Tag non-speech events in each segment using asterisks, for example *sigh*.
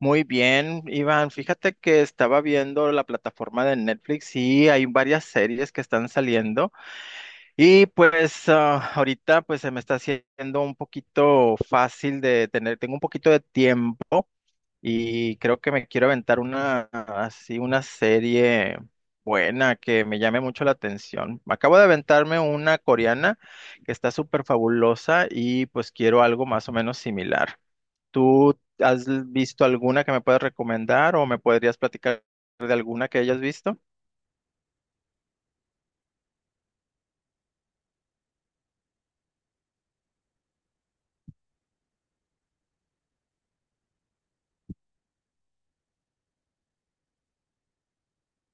Muy bien, Iván. Fíjate que estaba viendo la plataforma de Netflix y hay varias series que están saliendo y pues ahorita pues se me está haciendo un poquito fácil de tener, tengo un poquito de tiempo y creo que me quiero aventar una así una serie buena que me llame mucho la atención. Acabo de aventarme una coreana que está súper fabulosa y pues quiero algo más o menos similar. ¿Tú visto alguna que me puedas recomendar o me podrías platicar de alguna que hayas visto?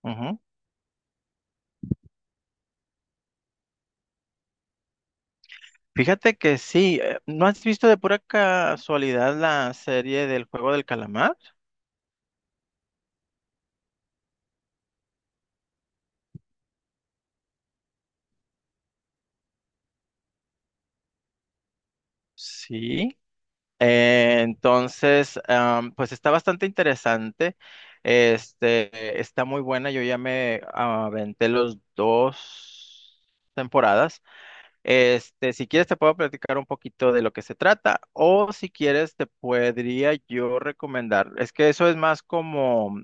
Ujú. Fíjate que sí, ¿no has visto de pura casualidad la serie del juego del calamar? Sí. Entonces, pues está bastante interesante. Este, está muy buena. Yo ya me aventé los dos temporadas. Este, si quieres te puedo platicar un poquito de lo que se trata, o si quieres te podría yo recomendar. Es que eso es más como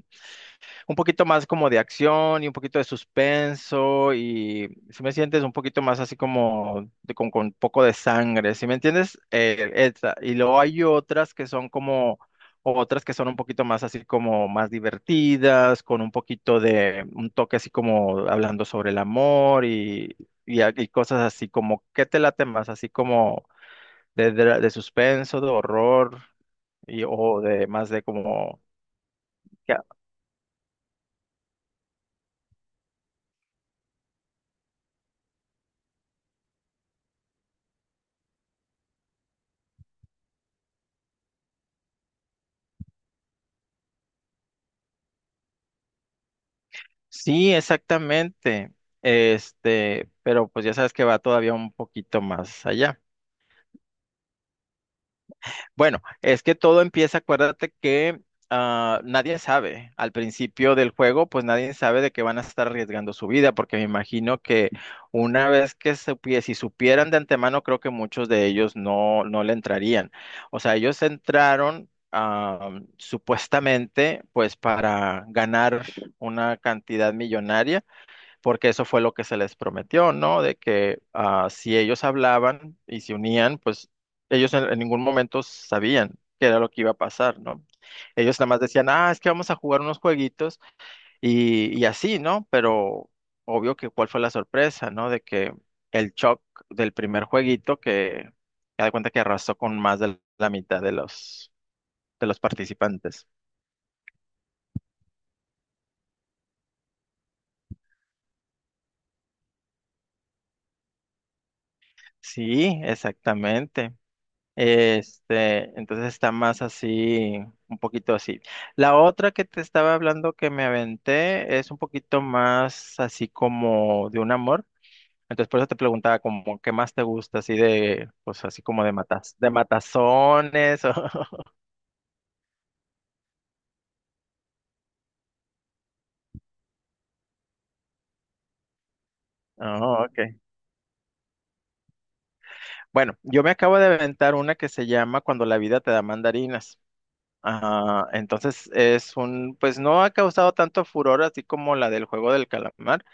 un poquito más como de acción y un poquito de suspenso, y si me sientes un poquito más así como con un poco de sangre, ¿si me entiendes? Esa. Y luego hay otras que son como, otras que son un poquito más así como más divertidas, con un poquito de un toque así como hablando sobre el amor y, y cosas así como, ¿qué te late más? Así como de, de suspenso, de horror y o de más de como. Sí, exactamente. Este, pero pues ya sabes que va todavía un poquito más allá. Bueno, es que todo empieza, acuérdate que nadie sabe. Al principio del juego, pues nadie sabe de que van a estar arriesgando su vida, porque me imagino que una vez que si supieran de antemano, creo que muchos de ellos no, no le entrarían. O sea, ellos entraron, supuestamente pues para ganar una cantidad millonaria porque eso fue lo que se les prometió, ¿no? De que, si ellos hablaban y se unían, pues ellos en ningún momento sabían qué era lo que iba a pasar, ¿no? Ellos nada más decían, es que vamos a jugar unos jueguitos y así, ¿no? Pero obvio que cuál fue la sorpresa, ¿no? De que el shock del primer jueguito, que me da cuenta que arrasó con más de la mitad de los participantes. Sí, exactamente. Este, entonces está más así, un poquito así. La otra que te estaba hablando que me aventé es un poquito más así como de un amor. Entonces por eso te preguntaba como qué más te gusta, así de, pues así como de matas, de matazones. O- *laughs* Oh, okay. Bueno, yo me acabo de aventar una que se llama Cuando la vida te da mandarinas. Ah, entonces es un, pues no ha causado tanto furor así como la del juego del calamar.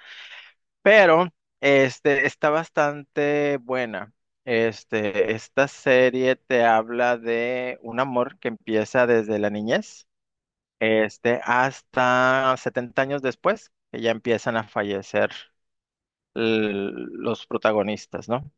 Pero este está bastante buena. Este, esta serie te habla de un amor que empieza desde la niñez, este, hasta 70 años después, que ya empiezan a fallecer los protagonistas, ¿no?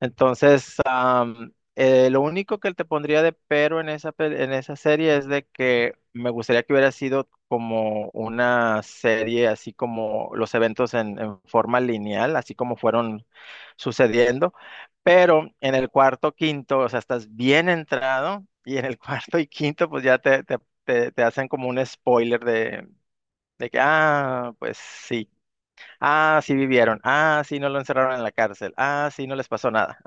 Entonces, lo único que te pondría de pero en esa, en esa serie es de que me gustaría que hubiera sido como una serie, así como los eventos en forma lineal, así como fueron sucediendo, pero en el cuarto, quinto, o sea, estás bien entrado, y en el *laughs* cuarto y quinto, pues ya te hacen como un spoiler de que, pues sí, sí vivieron, sí no lo encerraron en la cárcel, sí no les pasó nada.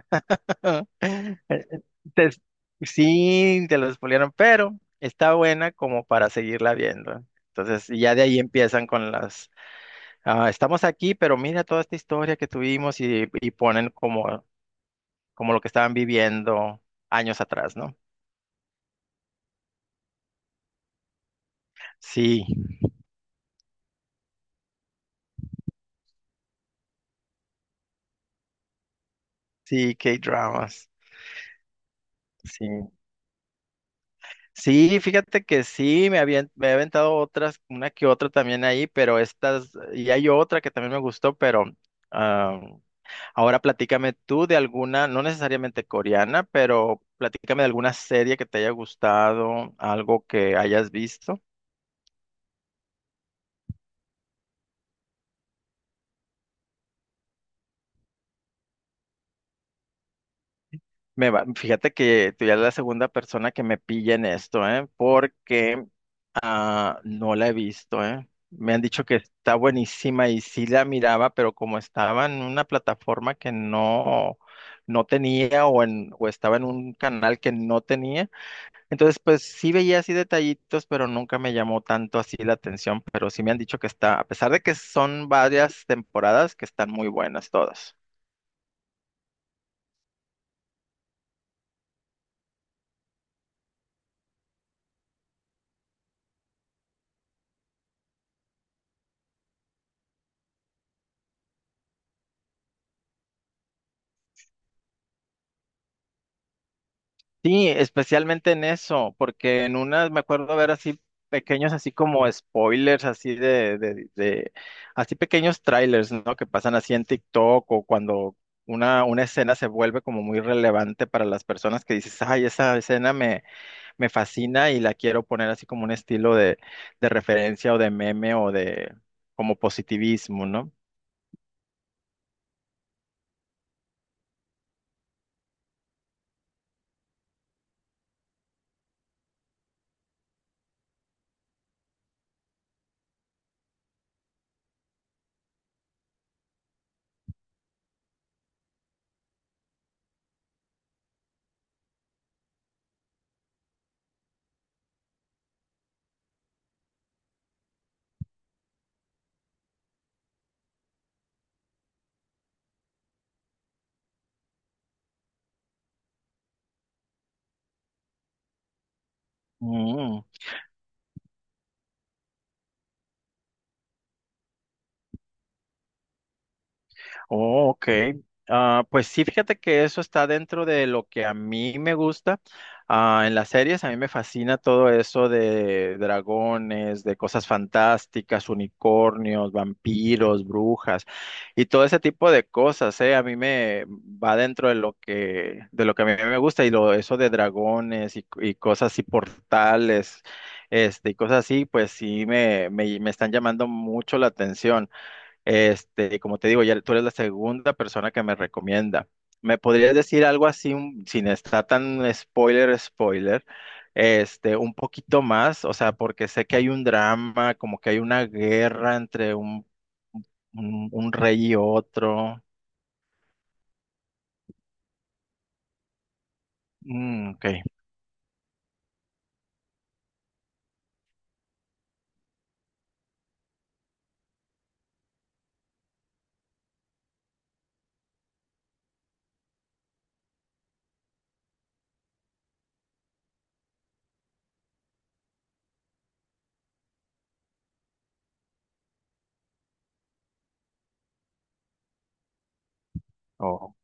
Te- es- sí, te lo spoilearon, pero está buena como para seguirla viendo. Entonces, y ya de ahí empiezan con las, estamos aquí, pero mira toda esta historia que tuvimos, y ponen como, como lo que estaban viviendo años atrás, ¿no? Sí, sí, K-dramas. Sí. Sí, fíjate que sí, me he aventado otras, una que otra también ahí, pero estas, y hay otra que también me gustó, pero ah, ahora platícame tú de alguna, no necesariamente coreana, pero platícame de alguna serie que te haya gustado, algo que hayas visto. Fíjate que tú ya eres la segunda persona que me pilla en esto, ¿eh? Porque no la he visto, ¿eh? Me han dicho que está buenísima y sí la miraba, pero como estaba en una plataforma que no, no tenía o, en, o estaba en un canal que no tenía. Entonces, pues sí veía así detallitos, pero nunca me llamó tanto así la atención, pero sí me han dicho que está, a pesar de que son varias temporadas, que están muy buenas todas. Sí, especialmente en eso, porque en unas me acuerdo ver así pequeños, así como spoilers, así de, así pequeños trailers, ¿no? Que pasan así en TikTok, o cuando una escena se vuelve como muy relevante para las personas que dices, ay, esa escena me fascina y la quiero poner así como un estilo de referencia o de meme o de como positivismo, ¿no? Mm. Oh, ok. Ah, pues sí, fíjate que eso está dentro de lo que a mí me gusta. Ah, en las series a mí me fascina todo eso de dragones, de cosas fantásticas, unicornios, vampiros, brujas y todo ese tipo de cosas, ¿eh? A mí me va dentro de lo que a mí me gusta y lo, eso de dragones y cosas y portales, este, y cosas así, pues sí me, me están llamando mucho la atención. Este, como te digo, ya tú eres la segunda persona que me recomienda. ¿Me podrías decir algo así, sin estar tan spoiler, spoiler, este, un poquito más? O sea, porque sé que hay un drama, como que hay una guerra entre un, un rey y otro. Mm, ok. Oh,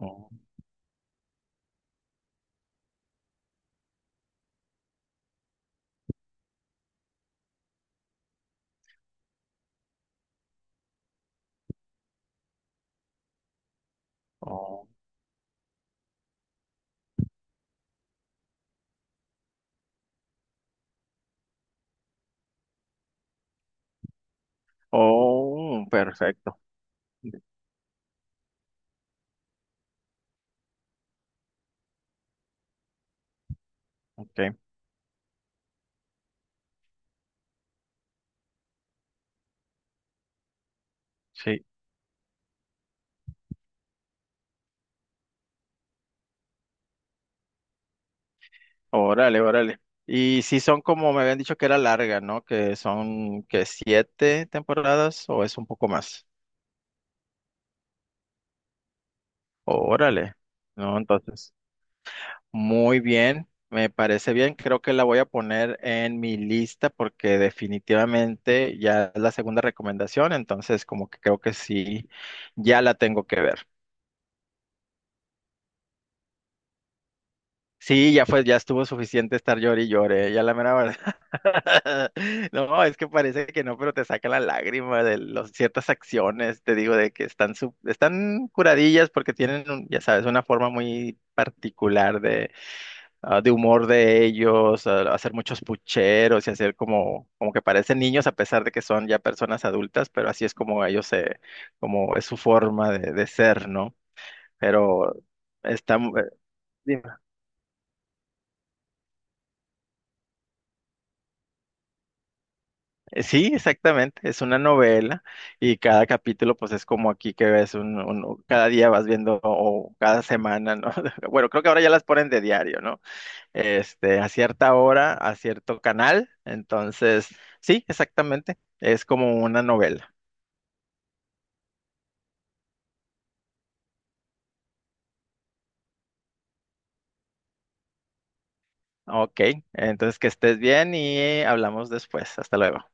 oh, oh, oh, perfecto. Ok, sí. Órale, órale. Y si son como me habían dicho que era larga, ¿no? Que son que 7 temporadas o es un poco más. Órale, ¿no? Entonces, muy bien, me parece bien. Creo que la voy a poner en mi lista porque definitivamente ya es la segunda recomendación, entonces como que creo que sí, ya la tengo que ver. Sí, ya fue, ya estuvo suficiente estar llore y llore. Ya la mera *laughs* No, es que parece que no, pero te saca la lágrima de los, ciertas acciones, te digo, de que están, están curadillas porque tienen, ya sabes, una forma muy particular de, de humor de ellos, hacer muchos pucheros y hacer como, como que parecen niños a pesar de que son ya personas adultas, pero así es como ellos se, como es su forma de ser, ¿no? Pero está, dime. Sí, exactamente, es una novela y cada capítulo pues es como aquí que ves un, cada día vas viendo o cada semana, ¿no? *laughs* Bueno, creo que ahora ya las ponen de diario, ¿no? Este, a cierta hora, a cierto canal, entonces, sí, exactamente, es como una novela. Ok, entonces que estés bien y hablamos después. Hasta luego.